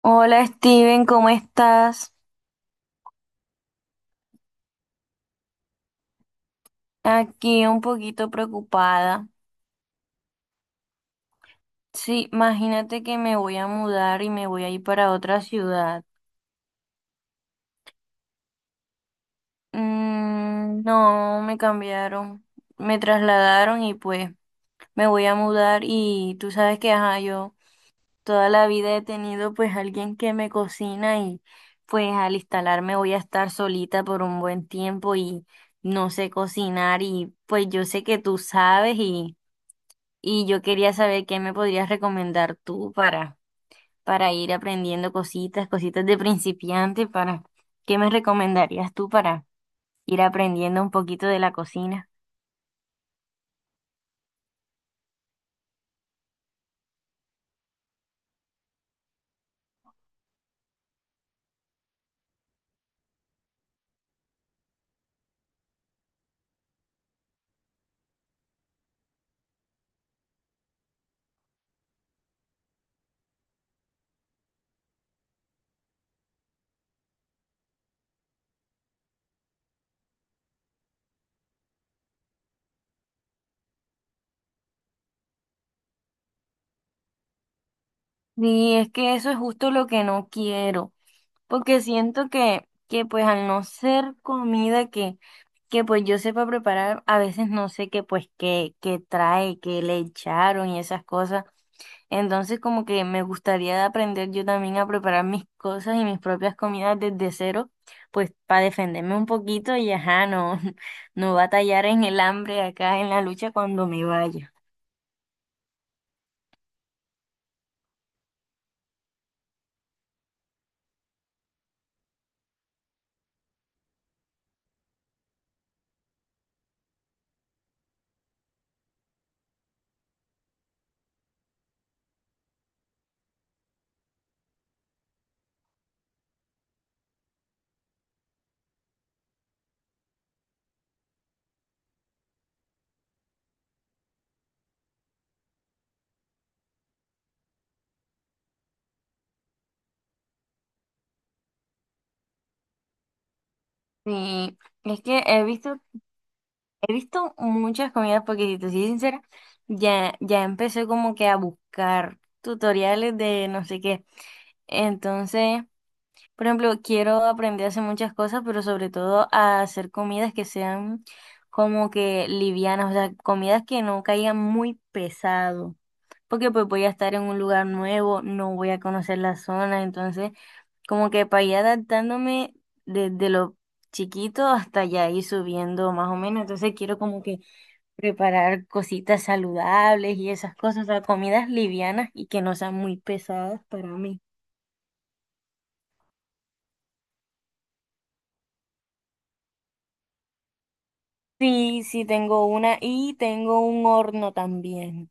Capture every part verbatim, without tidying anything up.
Hola Steven, ¿cómo estás? Aquí un poquito preocupada. Sí, imagínate que me voy a mudar y me voy a ir para otra ciudad. Mm, no, me cambiaron, me trasladaron y pues me voy a mudar y tú sabes que, ajá, yo toda la vida he tenido pues alguien que me cocina y pues al instalarme voy a estar solita por un buen tiempo y no sé cocinar y pues yo sé que tú sabes y... Y yo quería saber qué me podrías recomendar tú para, para ir aprendiendo cositas, cositas de principiante, para, ¿qué me recomendarías tú para ir aprendiendo un poquito de la cocina? Y es que eso es justo lo que no quiero, porque siento que, que pues al no ser comida que, que pues yo sepa preparar, a veces no sé qué pues qué, qué trae, qué le echaron y esas cosas. Entonces, como que me gustaría aprender yo también a preparar mis cosas y mis propias comidas desde cero, pues para defenderme un poquito y ajá, no, no batallar en el hambre acá en la lucha cuando me vaya. Sí, es que he visto, he visto muchas comidas, porque si te soy sincera, ya, ya empecé como que a buscar tutoriales de no sé qué. Entonces, por ejemplo, quiero aprender a hacer muchas cosas, pero sobre todo a hacer comidas que sean como que livianas, o sea, comidas que no caigan muy pesado, porque pues voy a estar en un lugar nuevo, no voy a conocer la zona, entonces como que para ir adaptándome desde lo chiquito hasta ya ir subiendo más o menos, entonces quiero como que preparar cositas saludables y esas cosas, o sea, comidas livianas y que no sean muy pesadas para mí. Sí, sí, tengo una y tengo un horno también.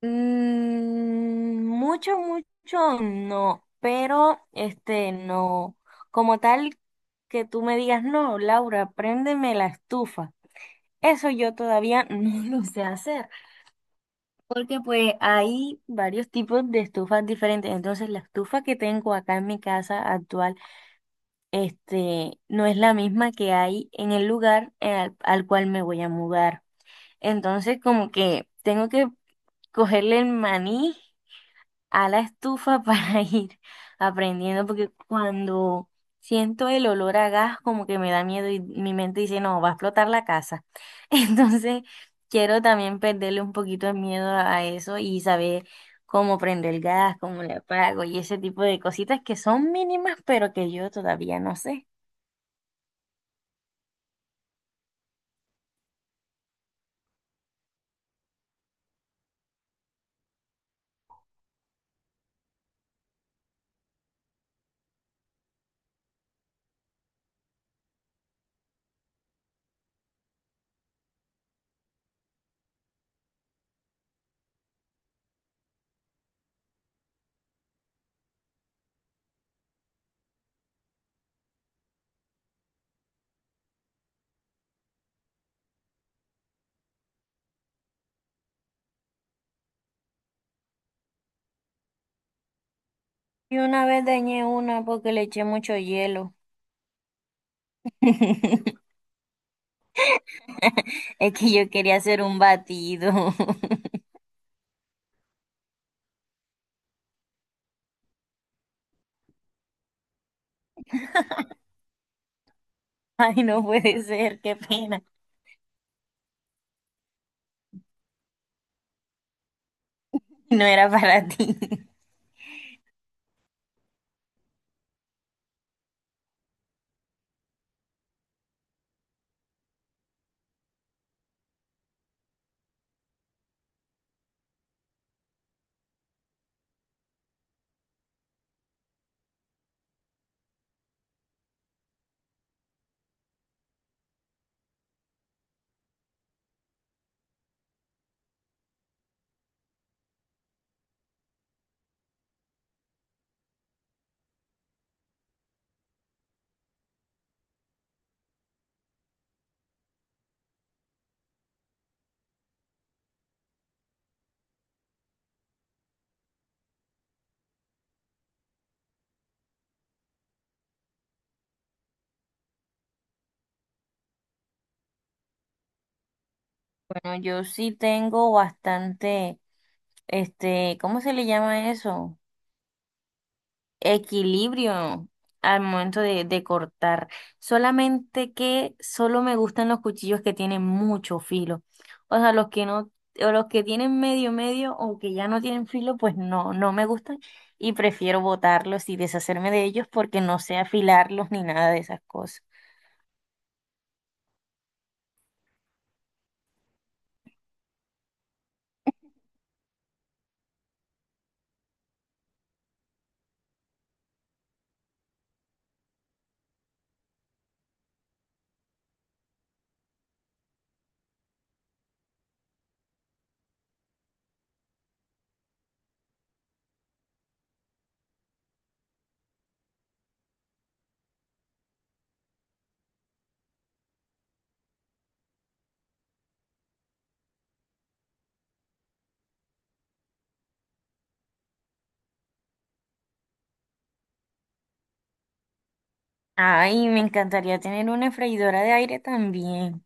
Mm, mucho, mucho no, pero este no. Como tal que tú me digas, no, Laura, préndeme la estufa. Eso yo todavía no lo sé hacer, porque pues hay varios tipos de estufas diferentes. Entonces, la estufa que tengo acá en mi casa actual, este, no es la misma que hay en el lugar eh, al al cual me voy a mudar. Entonces, como que tengo que cogerle el maní a la estufa para ir aprendiendo, porque cuando siento el olor a gas, como que me da miedo y mi mente dice, no, va a explotar la casa. Entonces, quiero también perderle un poquito de miedo a eso y saber cómo prendo el gas, cómo le apago y ese tipo de cositas que son mínimas, pero que yo todavía no sé. Y una vez dañé una porque le eché mucho hielo. Es que yo quería hacer un batido. Ay, no puede ser, qué pena. No era para ti. Bueno, yo sí tengo bastante, este, ¿cómo se le llama eso? Equilibrio al momento de, de cortar. Solamente que solo me gustan los cuchillos que tienen mucho filo. O sea, los que no, o los que tienen medio medio o que ya no tienen filo, pues no, no me gustan. Y prefiero botarlos y deshacerme de ellos porque no sé afilarlos ni nada de esas cosas. Ay, me encantaría tener una freidora de aire también.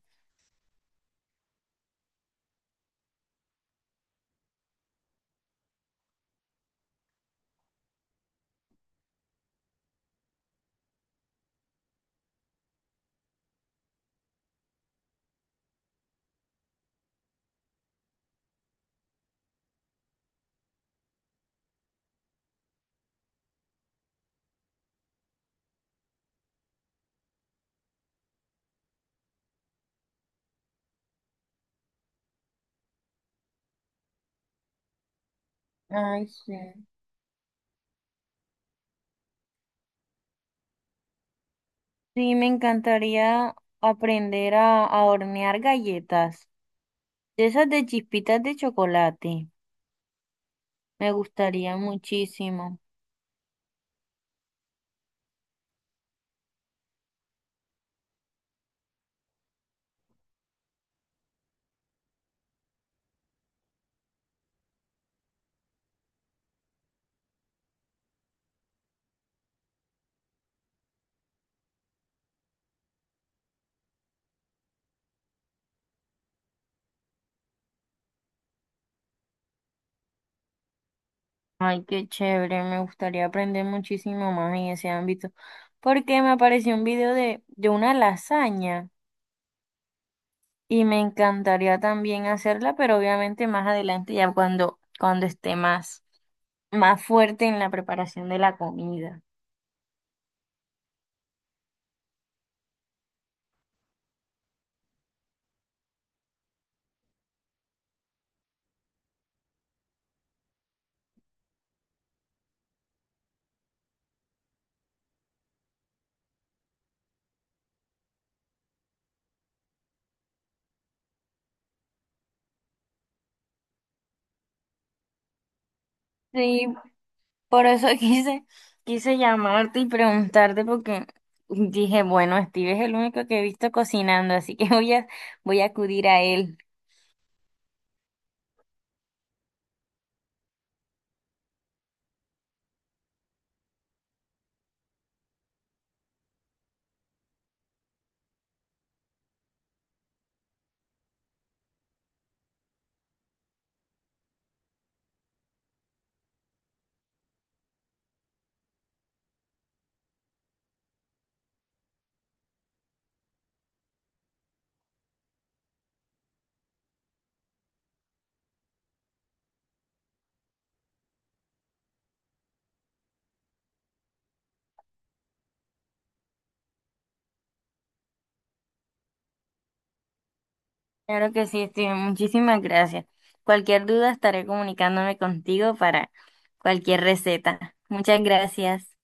Ay, sí. Sí, me encantaría aprender a, a hornear galletas, de esas de chispitas de chocolate. Me gustaría muchísimo. Ay, qué chévere, me gustaría aprender muchísimo más en ese ámbito, porque me apareció un video de, de una lasaña y me encantaría también hacerla, pero obviamente más adelante, ya cuando, cuando esté más, más fuerte en la preparación de la comida. Sí, por eso quise, quise llamarte y preguntarte porque dije, bueno, Steve es el único que he visto cocinando, así que voy a, voy a acudir a él. Claro que sí, Steve, muchísimas gracias. Cualquier duda estaré comunicándome contigo para cualquier receta. Muchas gracias.